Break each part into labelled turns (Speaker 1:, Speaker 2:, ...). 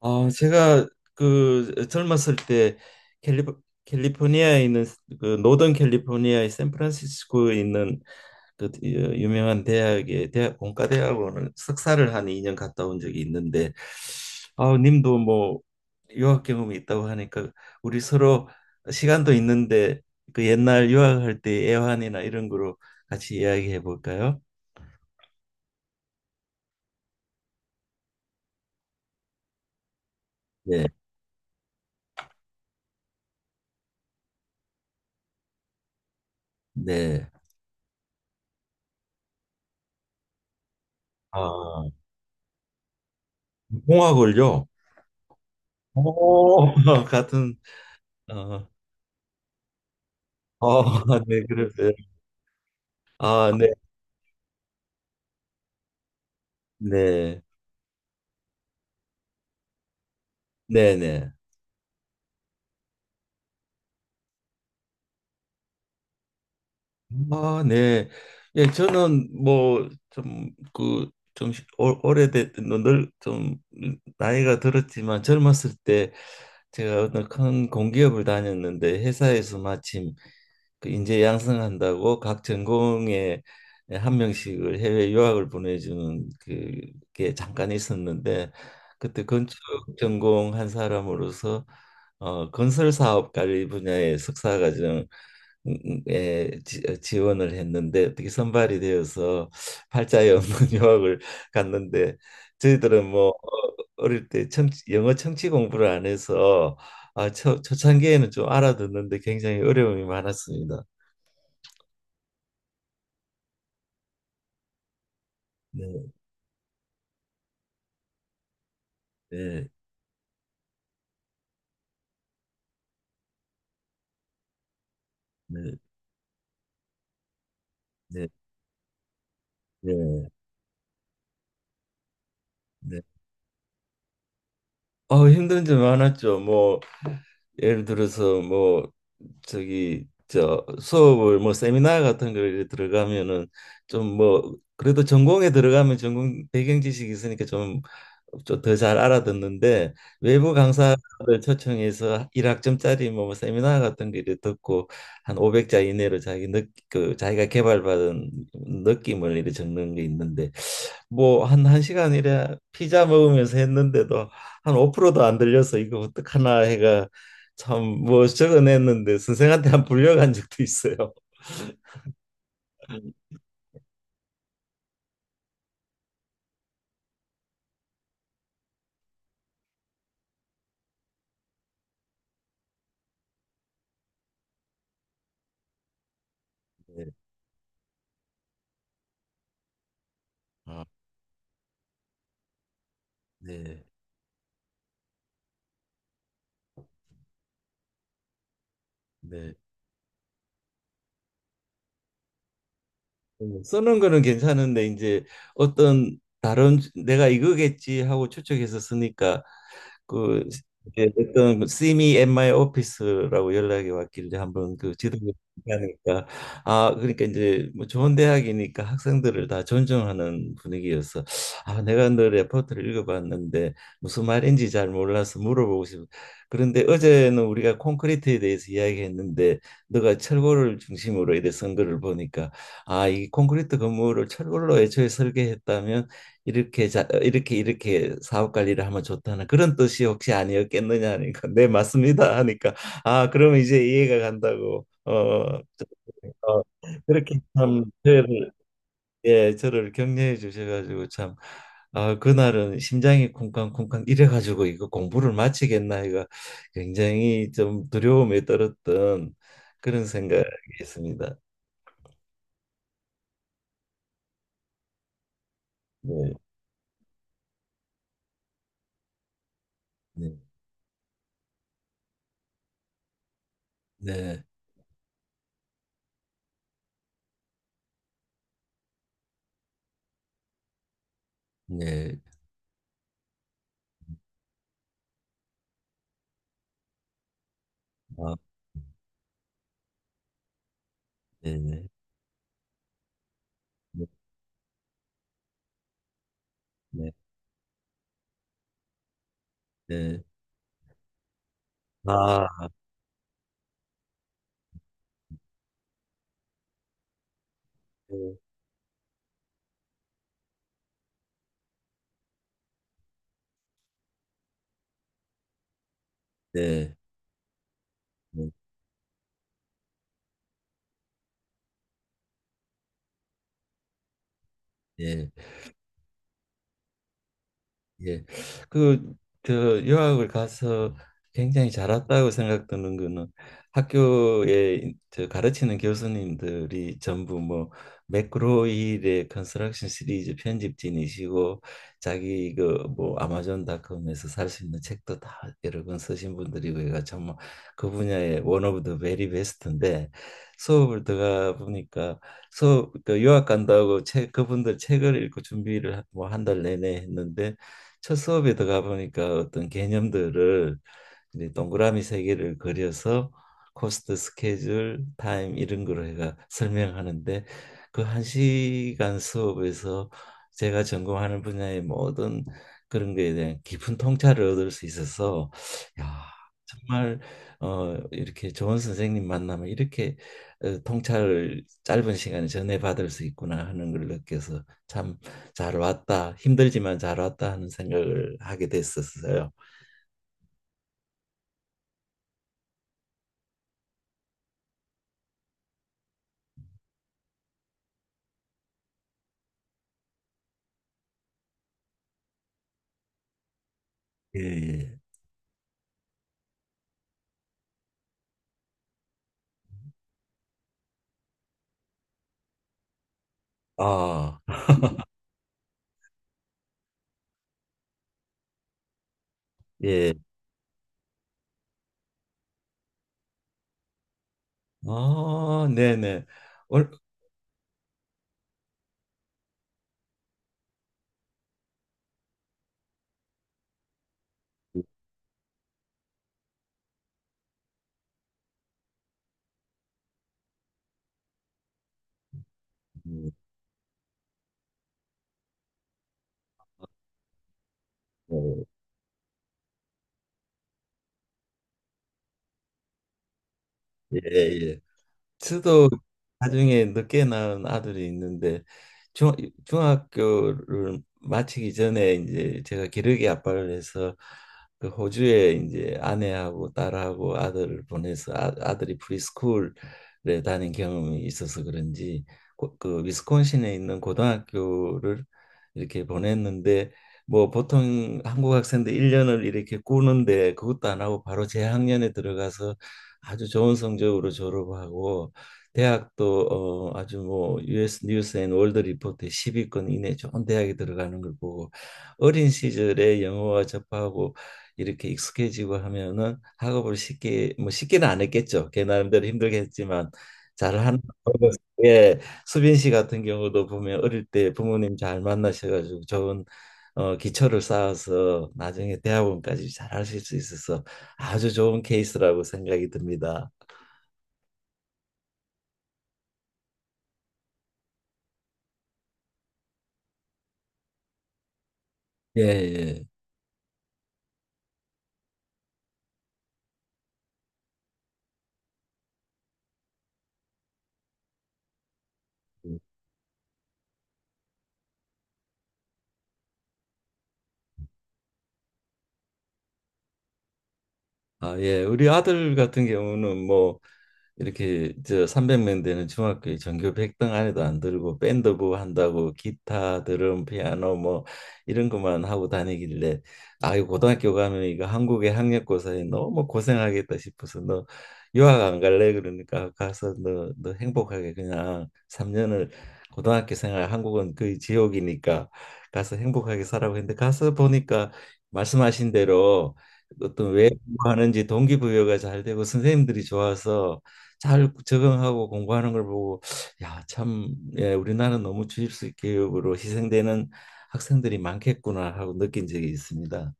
Speaker 1: 아, 제가 그 젊었을 때 캘리, 캘리포니아에 있는 그 노던 캘리포니아의 샌프란시스코에 있는 그 유명한 대학의 대학 공과대학원을 석사를 한 2년 갔다 온 적이 있는데, 아, 님도 뭐 유학 경험이 있다고 하니까 우리 서로 시간도 있는데 그 옛날 유학할 때 애환이나 이런 거로 같이 이야기해 볼까요? 네. 네. 아, 공학을요? 오, 같은. 아, 아, 네, 그러세요. 아, 네, 네, 네, 네. 아, 네. 예, 저는 뭐 좀 그 좀 오래됐 늘좀 나이가 들었지만, 젊었을 때 제가 어떤 큰 공기업을 다녔는데 회사에서 마침 그 인재 양성한다고 각 전공에 한 명씩을 해외 유학을 보내주는 그게 잠깐 있었는데, 그때 건축 전공 한 사람으로서 건설 사업 관리 분야의 석사 과정에 지원을 했는데 어떻게 선발이 되어서 팔자에 없는 유학을 갔는데, 저희들은 뭐 어릴 때 영어 청취 공부를 안 해서 아, 초창기에는 좀 알아듣는데 굉장히 어려움이 많았습니다. 네, 네, 네, 네, 네, 네. 아, 힘든 점 많았죠. 뭐 예를 들어서 뭐 저기 저 수업을 뭐 세미나 같은 걸 들어가면은 좀 뭐 그래도 전공에 들어가면 전공 배경 지식이 있으니까 좀 더 잘 알아듣는데, 외부 강사를 초청해서 1학점짜리 뭐 세미나 같은 거 듣고 한 500자 이내로 그 자기가 개발받은 느낌을 이렇게 적는 게 있는데, 뭐 한 한시간이래 피자 먹으면서 했는데도 한 5%도 안 들려서, 이거 어떡하나 해가 참 뭐 적어냈는데 선생한테 한 불려간 적도 있어요. 네. 아, 네. 네. 쓰는 거는 괜찮은데 이제 어떤 다른, 내가 이거겠지 하고 추측해서 쓰니까. 그 이제 어떤 "See me at my office라고 연락이 왔길래 한번 그 지도를 하니까, 아, 그러니까 이제 뭐 좋은 대학이니까 학생들을 다 존중하는 분위기여서, 아, 내가 너 레포트를 읽어봤는데 무슨 말인지 잘 몰라서 물어보고 싶어. 그런데 어제는 우리가 콘크리트에 대해서 이야기했는데, 너가 철골을 중심으로 이래 쓴 거를 보니까, 아, 이 콘크리트 건물을 철골로 애초에 설계했다면 이렇게, 이렇게 사업 관리를 하면 좋다는 그런 뜻이 혹시 아니었겠느냐 하니까, 네, 맞습니다 하니까, 아, 그러면 이제 이해가 간다고. 어 그렇게 참 저를, 예, 저를 격려해 주셔가지고 참, 아, 그날은 심장이 쿵쾅쿵쾅 이래가지고 이거 공부를 마치겠나, 이거 굉장히 좀 두려움에 떨었던 그런 생각이 있습니다. 네, 네, 네, 네, 아, 네, 네, 네, 네. 아, 네. 네. 네. 예. 예. 그, 그 유학을 가서 굉장히 잘 왔다고 생각드는 거는, 학교에 저 가르치는 교수님들이 전부 뭐 맥그로힐의 컨스트럭션 시리즈 편집진이시고 자기 그 뭐 아마존닷컴에서 살 수 있는 책도 다 여러 권 쓰신 분들이고, 얘가 정말 그 분야의 원 오브 더 베리 베스트인데, 수업을 들어가 보니까, 수업 그 유학 간다고 책 그분들 책을 읽고 준비를 뭐 한 달 내내 했는데, 첫 수업에 들어가 보니까 어떤 개념들을 이제 동그라미 세 개를 그려서 코스트 스케줄 타임 이런 거로 해가 설명하는데, 그 한 시간 수업에서 제가 전공하는 분야의 모든 그런 거에 대한 깊은 통찰을 얻을 수 있어서, 야, 정말 이렇게 좋은 선생님 만나면 이렇게 통찰을 짧은 시간에 전해받을 수 있구나 하는 걸 느껴서, 참 잘 왔다, 힘들지만 잘 왔다 하는 생각을 하게 됐었어요. 예. 예. 아, 예. 아, 네네. 얼, 음, 음, 네, 예, 예. 저도 나중에 늦게 낳은 아들이 있는데, 중, 중학교를 마치기 전에 이제 제가 기러기 아빠를 해서 그 호주에 이제 아내하고 딸하고 아들을 보내서, 아, 아들이 프리스쿨에 다닌 경험이 있어서 그런지 그 위스콘신에 있는 고등학교를 이렇게 보냈는데, 뭐 보통 한국 학생들 1년을 이렇게 꾸는데 그것도 안 하고 바로 재학년에 들어가서 아주 좋은 성적으로 졸업하고, 대학도 아주 뭐 US 뉴스 앤 월드 리포트 10위권 이내 좋은 대학에 들어가는 걸 보고, 어린 시절에 영어와 접하고 이렇게 익숙해지고 하면은 학업을 쉽게, 뭐 쉽게는 안 했겠죠. 걔 나름대로 힘들게 했지만 잘하는 방법. 예, 수빈 씨 같은 경우도 보면 어릴 때 부모님 잘 만나셔가지고 좋은 기초를 쌓아서 나중에 대학원까지 잘 하실 수 있어서 아주 좋은 케이스라고 생각이 듭니다. 예, 예. 아, 예. 우리 아들 같은 경우는 뭐 이렇게 저 300명 되는 중학교에 전교 100등 안에도 안 들고 밴드부 한다고 기타, 드럼, 피아노 뭐 이런 것만 하고 다니길래, 아이, 고등학교 가면 이거 한국의 학력고사에 너무 고생하겠다 싶어서, 너 유학 안 갈래? 그러니까 가서, 너 행복하게 그냥 3년을 고등학교 생활, 한국은 거의 지옥이니까 가서 행복하게 살라고 했는데, 가서 보니까 말씀하신 대로 어떤 하는지 동기부여가 잘 되고 선생님들이 좋아서 잘 적응하고 공부하는 걸 보고, 야, 참, 예, 우리나라는 너무 주입식 교육으로 희생되는 학생들이 많겠구나 하고 느낀 적이 있습니다.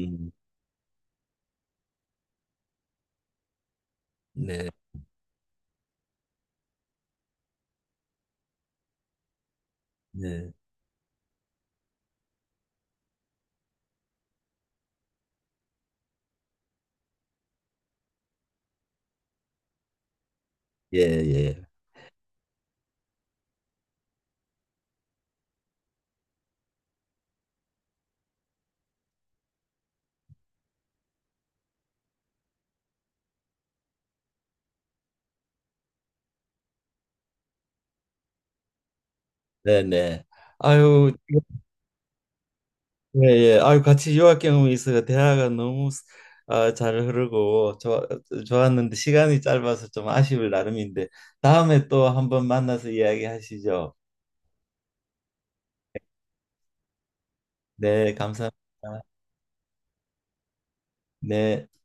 Speaker 1: 음, 네, 네, 예, 예, 네, 네. 아유, 예, 예. 아유, 같이 유학 경험이 있어서 대화가 너무, 잘 흐르고 좋았는데 시간이 짧아서 좀 아쉬울 나름인데, 다음에 또 한번 만나서 이야기하시죠. 네, 감사합니다. 네.